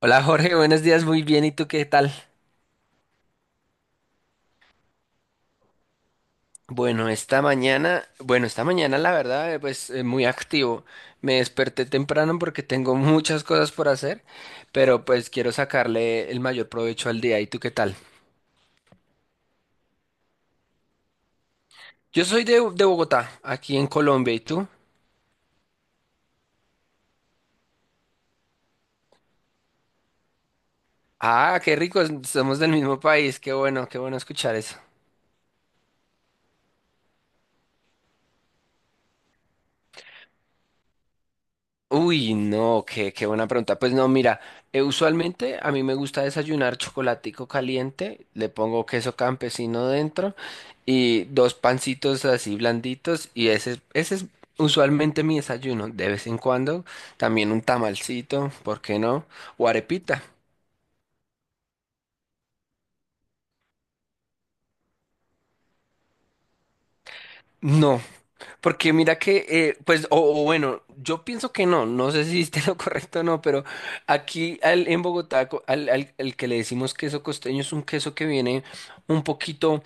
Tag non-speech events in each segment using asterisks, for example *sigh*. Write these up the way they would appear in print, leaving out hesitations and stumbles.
Hola Jorge, buenos días, muy bien, ¿y tú qué tal? Bueno, esta mañana la verdad, muy activo. Me desperté temprano porque tengo *laughs* muchas cosas por hacer, pero pues quiero sacarle el mayor provecho al día. ¿Y tú qué tal? Yo soy de Bogotá, aquí en Colombia, ¿y tú? Ah, qué rico, somos del mismo país, qué bueno escuchar eso. Uy, no, qué buena pregunta. Pues no, mira, usualmente a mí me gusta desayunar chocolatico caliente, le pongo queso campesino dentro y dos pancitos así blanditos y ese es usualmente mi desayuno. De vez en cuando también un tamalcito, ¿por qué no? O arepita. No, porque mira que, pues, o bueno, yo pienso que no, no sé si esté *laughs* lo correcto o no, pero aquí en Bogotá, al que le decimos queso costeño es un queso que viene un poquito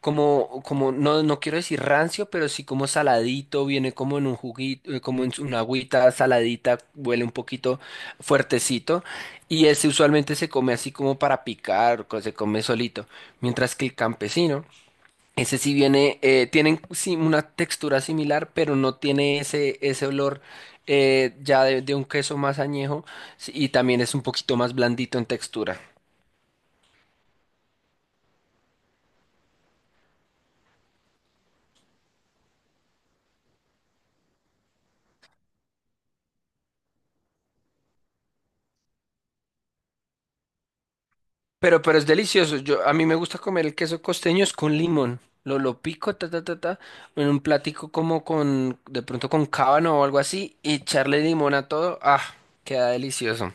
como, no quiero decir rancio, pero sí como saladito, viene como en un juguito, como en una agüita saladita, huele un poquito fuertecito, y ese usualmente se come así como para picar, se come solito, mientras que el campesino. Ese sí viene, tienen sí, una textura similar, pero no tiene ese olor ya de un queso más añejo sí, y también es un poquito más blandito en textura. Pero es delicioso. Yo, a mí me gusta comer el queso costeño es con limón. Lo pico, ta, ta, ta, ta, en un platico como con, de pronto con cábano o algo así, y echarle limón a todo. Ah, queda delicioso.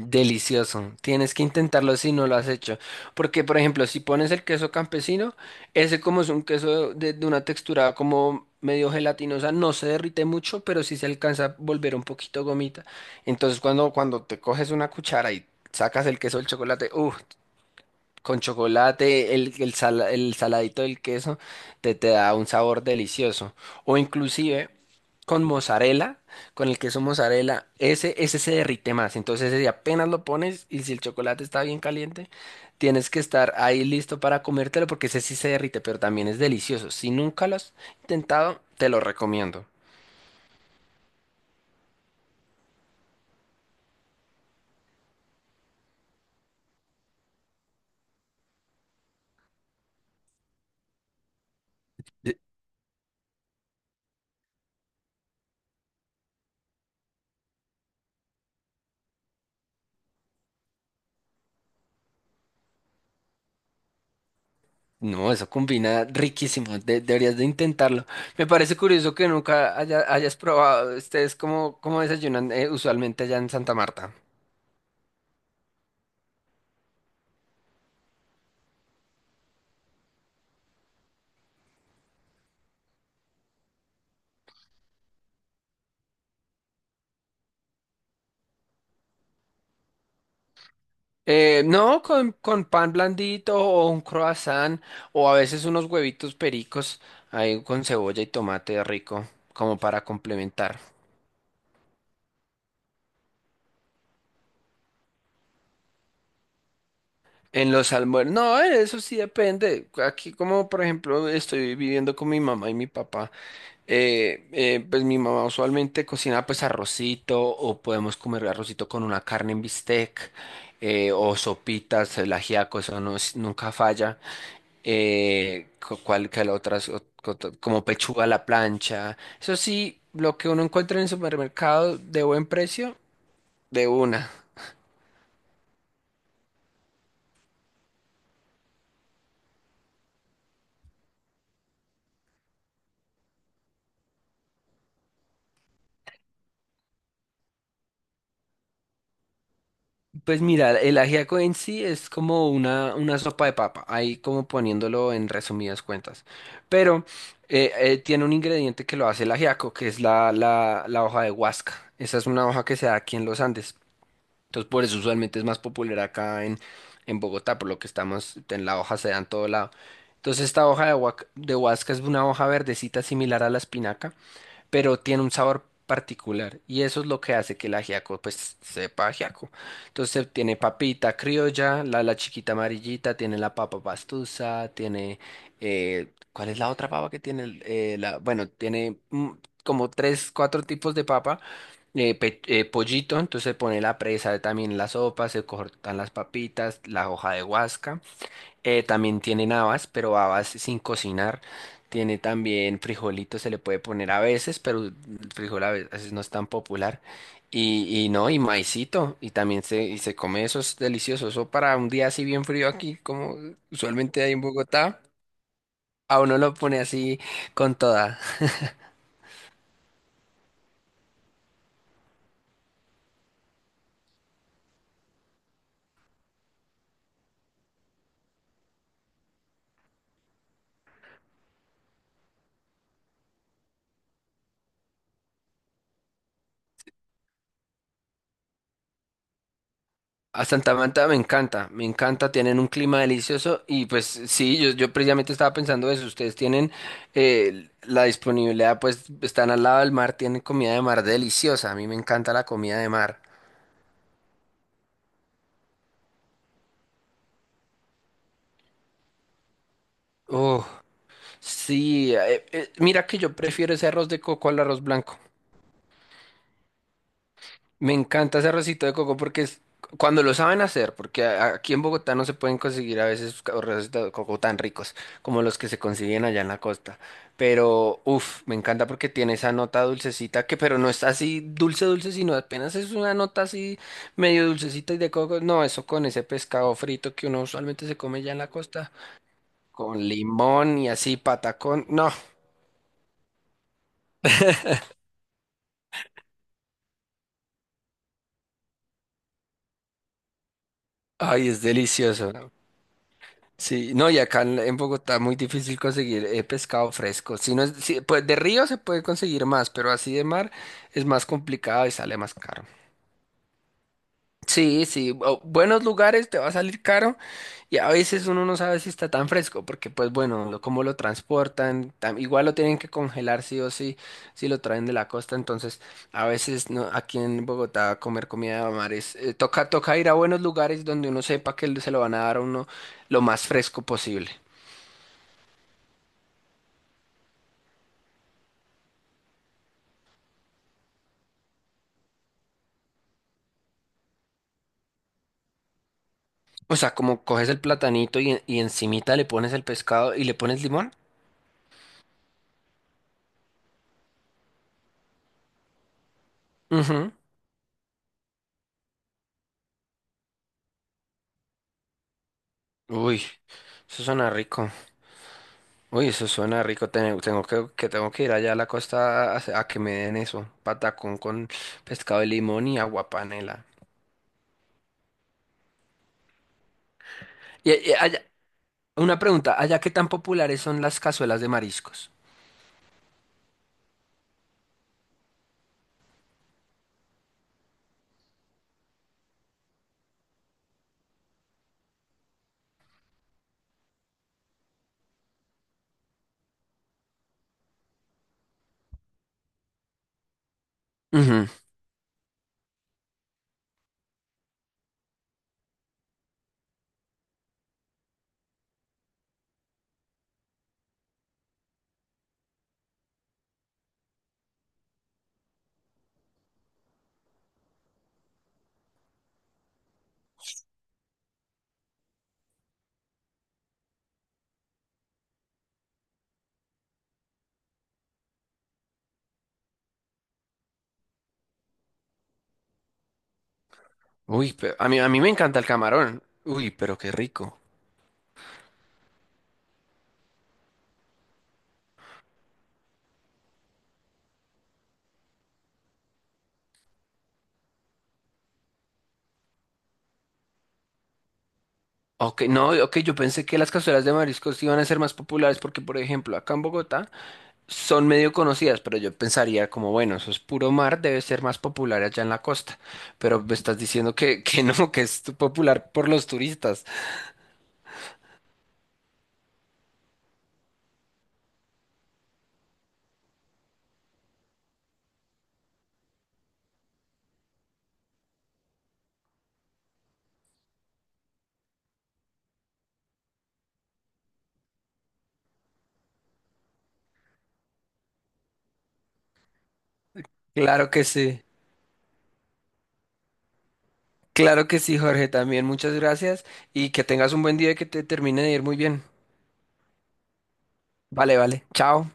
Delicioso. Tienes que intentarlo si no lo has hecho. Porque, por ejemplo, si pones el queso campesino, ese como es un queso de una textura como medio gelatinosa, no se derrite mucho, pero sí se alcanza a volver un poquito gomita. Entonces, cuando te coges una cuchara y sacas el queso del chocolate, uff, con chocolate, el saladito del queso te, te da un sabor delicioso. O inclusive con mozzarella, con el queso mozzarella, ese se derrite más. Entonces ese si apenas lo pones y si el chocolate está bien caliente, tienes que estar ahí listo para comértelo porque ese sí se derrite, pero también es delicioso. Si nunca lo has intentado, te lo recomiendo. No, eso combina riquísimo, deberías de intentarlo. Me parece curioso que nunca haya- hayas probado, ustedes cómo, cómo desayunan usualmente allá en Santa Marta. No, con pan blandito o un croissant o a veces unos huevitos pericos ahí con cebolla y tomate rico como para complementar. En los almuerzos, no, eso sí depende. Aquí como por ejemplo estoy viviendo con mi mamá y mi papá. Pues mi mamá usualmente cocina pues arrocito o podemos comer arrocito con una carne en bistec o sopitas, el ajiaco, eso no es- nunca falla. Cual que la otras como pechuga a la plancha. Eso sí, lo que uno encuentra en el supermercado de buen precio, de una. Pues mira, el ajiaco en sí es como una sopa de papa, ahí como poniéndolo en resumidas cuentas. Pero tiene un ingrediente que lo hace el ajiaco, que es la hoja de huasca. Esa es una hoja que se da aquí en los Andes. Entonces por eso usualmente es más popular en Bogotá, por lo que estamos, en la hoja se da en todo lado. Entonces esta hoja de huasca es una hoja verdecita similar a la espinaca pero tiene un sabor particular y eso es lo que hace que el ajiaco pues sepa ajiaco. Entonces tiene papita criolla, la chiquita amarillita, tiene la papa pastusa, tiene ¿cuál es la otra papa que tiene? Bueno, tiene como tres, cuatro tipos de papa, pollito, entonces se pone la presa, también la sopa, se cortan las papitas, la hoja de guasca. También tienen habas, pero habas sin cocinar. Tiene también frijolitos, se le puede poner a veces, pero el frijol a veces no es tan popular. Y no, y maicito, y también se come eso, es delicioso. Eso para un día así bien frío aquí, como usualmente hay en Bogotá, a uno lo pone así con toda. A Santa Marta me encanta, tienen un clima delicioso y pues sí, yo precisamente estaba pensando eso, ustedes tienen la disponibilidad, pues están al lado del mar, tienen comida de mar deliciosa, a mí me encanta la comida de mar. Oh, sí, mira que yo prefiero ese arroz de coco al arroz blanco. Me encanta ese arrocito de coco porque es cuando lo saben hacer, porque aquí en Bogotá no se pueden conseguir a veces arrocitos de coco tan ricos como los que se consiguen allá en la costa. Pero, uff, me encanta porque tiene esa nota dulcecita que, pero no está así dulce, dulce, sino apenas es una nota así medio dulcecita y de coco. No, eso con ese pescado frito que uno usualmente se come ya en la costa, con limón y así patacón. No, ay, es delicioso. Sí, no, y acá en Bogotá muy difícil conseguir pescado fresco. Si no es, pues de río se puede conseguir más, pero así de mar es más complicado y sale más caro. Sí, sí, buenos lugares te va a salir caro y a veces uno no sabe si está tan fresco porque pues bueno, cómo lo transportan, igual lo tienen que congelar sí o sí, si lo traen de la costa, entonces a veces no, aquí en Bogotá comer comida de mar es, toca ir a buenos lugares donde uno sepa que se lo van a dar a uno lo más fresco posible. O sea, como coges el platanito y encimita le pones el pescado y le pones limón. Ujú. Uy, eso suena rico. Uy, eso suena rico. Tengo que tengo que ir allá a la costa a que me den eso. Patacón con pescado de limón y agua panela. Y, y allá- una pregunta, ¿allá qué tan populares son las cazuelas de mariscos? Ujú. Uy, pero a mí me encanta el camarón. Uy, pero qué rico. Ok, no, ok, yo pensé que las cazuelas de mariscos iban a ser más populares porque, por ejemplo, acá en Bogotá son medio conocidas, pero yo pensaría como, bueno, eso es puro mar, debe ser más popular allá en la costa. Pero me estás diciendo que, *laughs* que no, que es tu- popular por los turistas. Claro que sí. Claro que sí, Jorge, también muchas gracias y que tengas un buen día y que te termine de ir muy bien. Vale, vale. Chao.